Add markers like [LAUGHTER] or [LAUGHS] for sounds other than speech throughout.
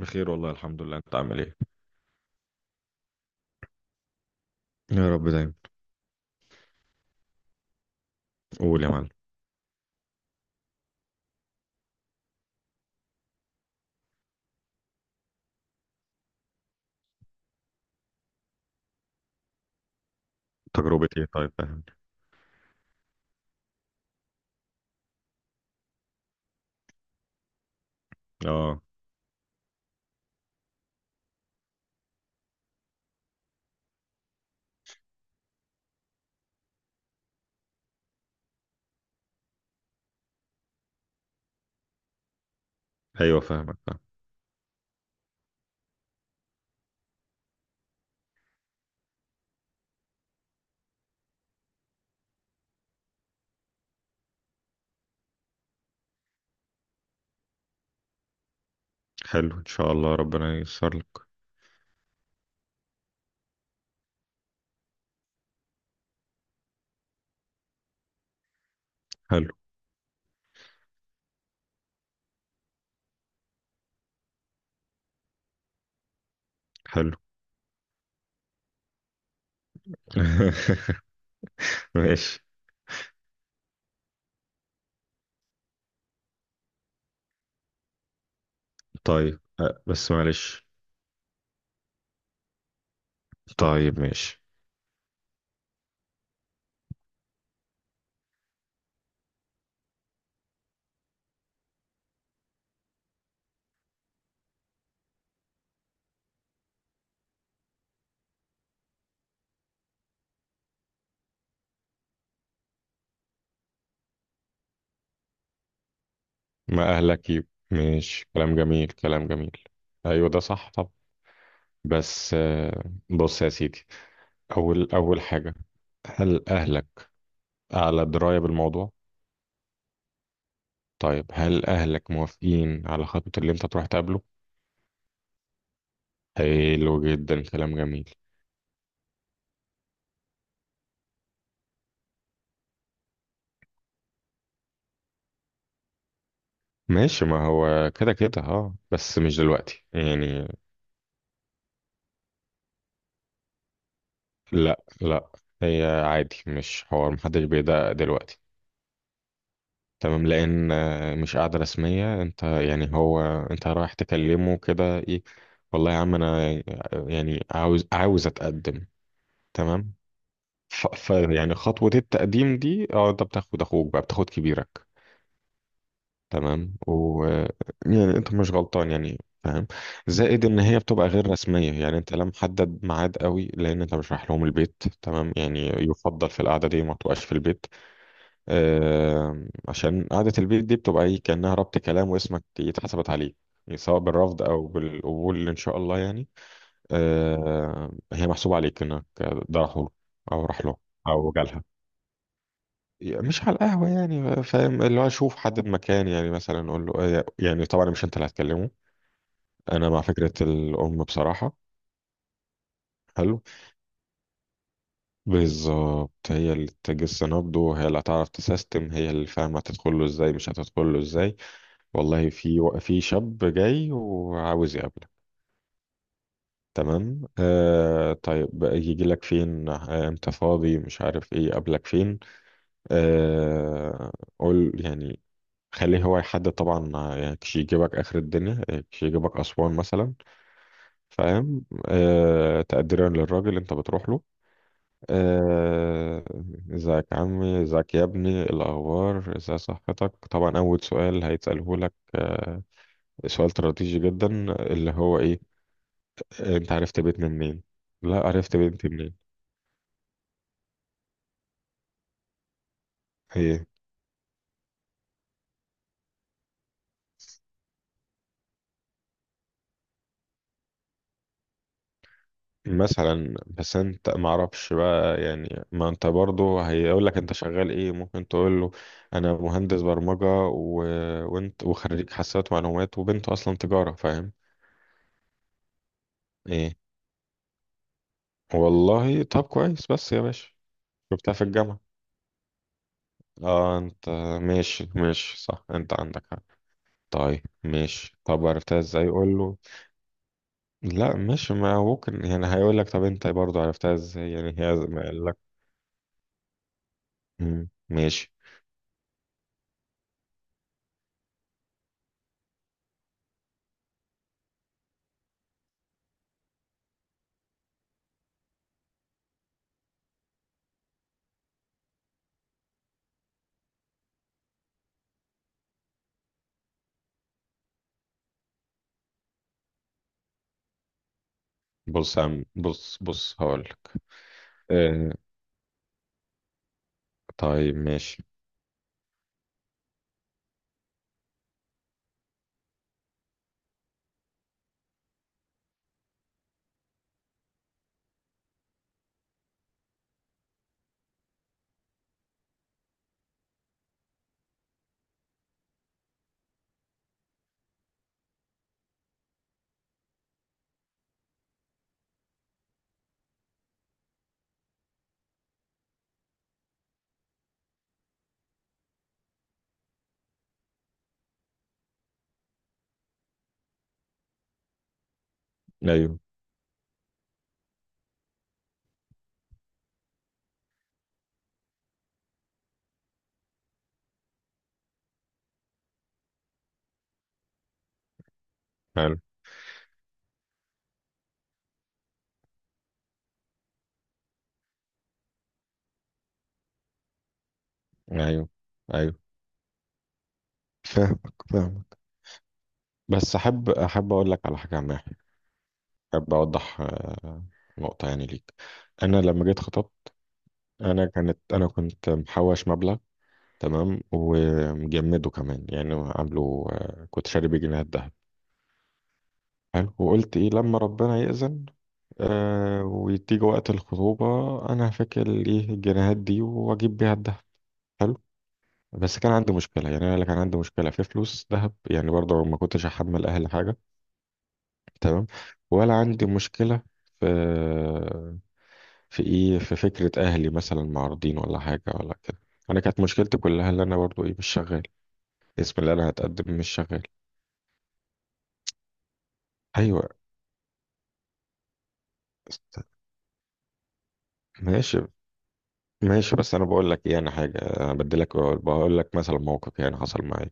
بخير، والله الحمد لله. انت عامل ايه؟ يا رب دايما. قول يا معلم. تجربة ايه؟ طيب فاهمني. اه، ايوه فاهمك فاهم. حلو ان شاء الله، ربنا ييسر لك. حلو. حلو. [LAUGHS] ماشي. طيب بس معلش. طيب ماشي. ما اهلك يب. ماشي. كلام جميل كلام جميل. ايوه، ده صح. طب بس بص يا سيدي. اول اول حاجة، هل اهلك على دراية بالموضوع؟ طيب هل اهلك موافقين على خطوة اللي انت تروح تقابله؟ حلو جدا. كلام جميل. ماشي، ما هو كده كده. اه، بس مش دلوقتي يعني. لا، لا. هي عادي، مش حوار، محدش بيدقق دلوقتي. تمام لان مش قاعدة رسمية. انت يعني هو، انت رايح تكلمه كده ايه؟ والله يا عم انا يعني عاوز اتقدم. تمام. ف يعني خطوة التقديم دي، اه، انت بتاخد اخوك، بقى بتاخد كبيرك. تمام، و يعني انت مش غلطان، يعني، فاهم؟ زائد ان هي بتبقى غير رسميه، يعني انت لا محدد ميعاد قوي لان انت مش رايح لهم البيت. تمام، يعني يفضل في القعده دي ما تبقاش في البيت. عشان قعده البيت دي بتبقى ايه كانها ربط كلام، واسمك اتحسبت عليه. يعني سواء بالرفض او بالقبول، ان شاء الله يعني. هي محسوب عليك انك ده راح له، او راح له، او جالها. مش على القهوة يعني، فاهم؟ اللي هو أشوف حد بمكان، يعني مثلا أقول له يعني طبعا مش أنت اللي هتكلمه. أنا مع فكرة الأم بصراحة. حلو. بالظبط، هي اللي تجس نبضه، هي اللي هتعرف تسيستم، هي اللي فاهمة هتدخل له إزاي مش هتدخل له إزاي. والله في في شاب جاي وعاوز يقابلك. تمام. طيب يجي لك فين؟ امتى فاضي، مش عارف ايه، قابلك فين. آه قول يعني، خليه هو يحدد طبعا. يعني كش يجيبك اخر الدنيا، كش يجيبك اسوان مثلا. فاهم؟ تقديرا للراجل انت بتروح له. آه ازيك يا عمي، ازيك يا ابني، إيه الاخبار، ازاي صحتك. طبعا اول سؤال هيتساله لك، سؤال استراتيجي جدا، اللي هو ايه؟ انت عرفت بيتنا منين؟ لا، عرفت بنتي منين؟ هي. مثلا بس انت ما اعرفش بقى يعني، ما انت برضه هيقول لك انت شغال ايه، ممكن تقول له انا مهندس برمجة و... وانت، وخريج حاسبات معلومات، وبنته اصلا تجارة. فاهم؟ ايه. والله طب كويس بس يا باشا. شفتها في الجامعة. اه انت. ماشي ماشي، صح، انت عندك حق. طيب ماشي. طب عرفتها ازاي؟ قول له. لا ماشي، ما ممكن يعني هيقول لك طب انت برضه عرفتها ازاي، يعني هي ما قال لك. مم، ماشي. بص يا عم، بص بص هقول. آه. طيب ماشي. ايوه. حلو. ايوه. ايوه. [LAUGHS] فاهمك فاهمك. بس احب اقول لك على حاجه عامه. احب اوضح نقطه يعني ليك. انا لما جيت خطبت، انا كنت محوش مبلغ. تمام، ومجمده كمان، يعني عامله كنت شاري بيه جنيهات دهب. حلو. وقلت ايه لما ربنا يأذن، وتيجي وقت الخطوبه، انا هفكر ايه الجنيهات دي واجيب بيها الدهب. حلو. بس كان عندي مشكلة، يعني أنا اللي كان عندي مشكلة في فلوس ذهب، يعني برضه ما كنتش أحمل أهلي حاجة. تمام، ولا عندي مشكلة في في إيه، في فكرة أهلي مثلا معارضين ولا حاجة ولا كده. أنا كانت مشكلتي كلها اللي أنا برضه إيه، مش شغال. اسم اللي أنا هتقدم مش شغال. أيوه. است- ماشي ماشي. بس أنا بقول لك إيه، أنا حاجة أنا بدي لك، بقول لك مثلا موقف يعني حصل معايا.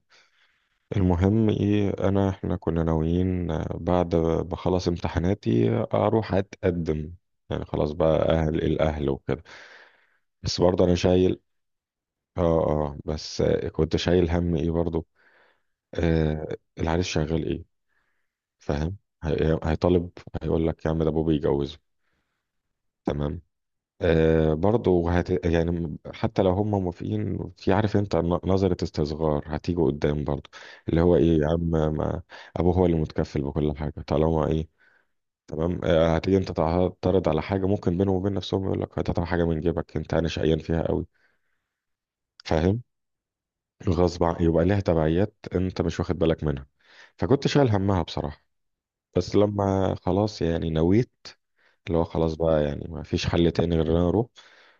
المهم ايه، احنا كنا ناويين بعد ما اخلص امتحاناتي اروح اتقدم. يعني خلاص بقى اهل الاهل وكده. بس برضه انا شايل، اه اه، بس كنت شايل هم ايه برضه. العريس شغال ايه؟ فاهم؟ هيطالب، هيقول لك يا عم ده ابوه بيجوزه. تمام. برضه يعني حتى لو هم موافقين، في عارف انت، نظرة استصغار هتيجي قدام برضه، اللي هو ايه يا عم، ما ابوه هو اللي متكفل بكل حاجة طالما ايه. تمام، هتيجي انت تعترض على حاجه ممكن بينهم وبين نفسهم يقول لك هتطلع حاجه من جيبك، انت انا شقيان فيها قوي. فاهم؟ غصب عن يبقى ليها تبعيات انت مش واخد بالك منها. فكنت شايل همها بصراحه. بس لما خلاص يعني نويت، اللي هو خلاص بقى يعني ما فيش حل تاني غير ان انا اروح.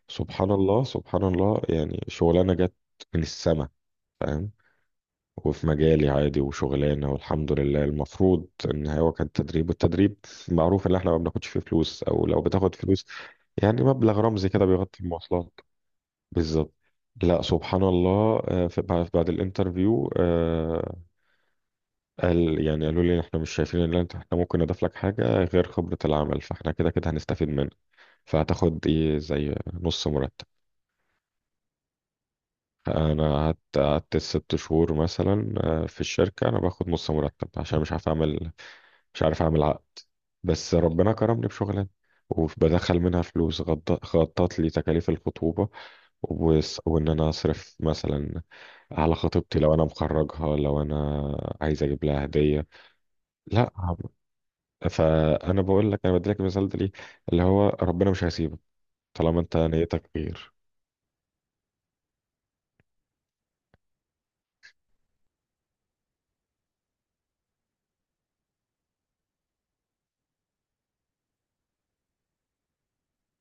سبحان الله، سبحان الله، يعني شغلانه جت من السما. فاهم؟ وفي مجالي عادي، وشغلانة والحمد لله. المفروض ان هو كان تدريب، والتدريب معروف ان احنا ما بناخدش فيه فلوس، او لو بتاخد فلوس يعني مبلغ رمزي كده بيغطي المواصلات. بالظبط. لا، سبحان الله. بعد الانترفيو، يعني قالوا لي إن احنا مش شايفين ان احنا ممكن نضيف لك حاجة غير خبرة العمل، فاحنا كده كده هنستفيد منك، فهتاخد ايه زي نص مرتب. انا قعدت 6 شهور مثلا في الشركه انا باخد نص مرتب، عشان مش عارف اعمل عقد. بس ربنا كرمني بشغلانه، وبدخل منها فلوس غطت لي تكاليف الخطوبه، وان انا اصرف مثلا على خطيبتي، لو انا مخرجها، لو انا عايز اجيب لها هديه. لا، فانا بقول لك انا بديلك المثال ده ليه، اللي هو ربنا مش هيسيبك طالما انت نيتك خير.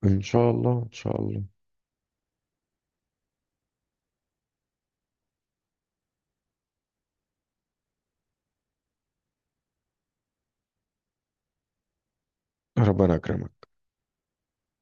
ان شاء الله، ان شاء الله. ربنا يكرمك.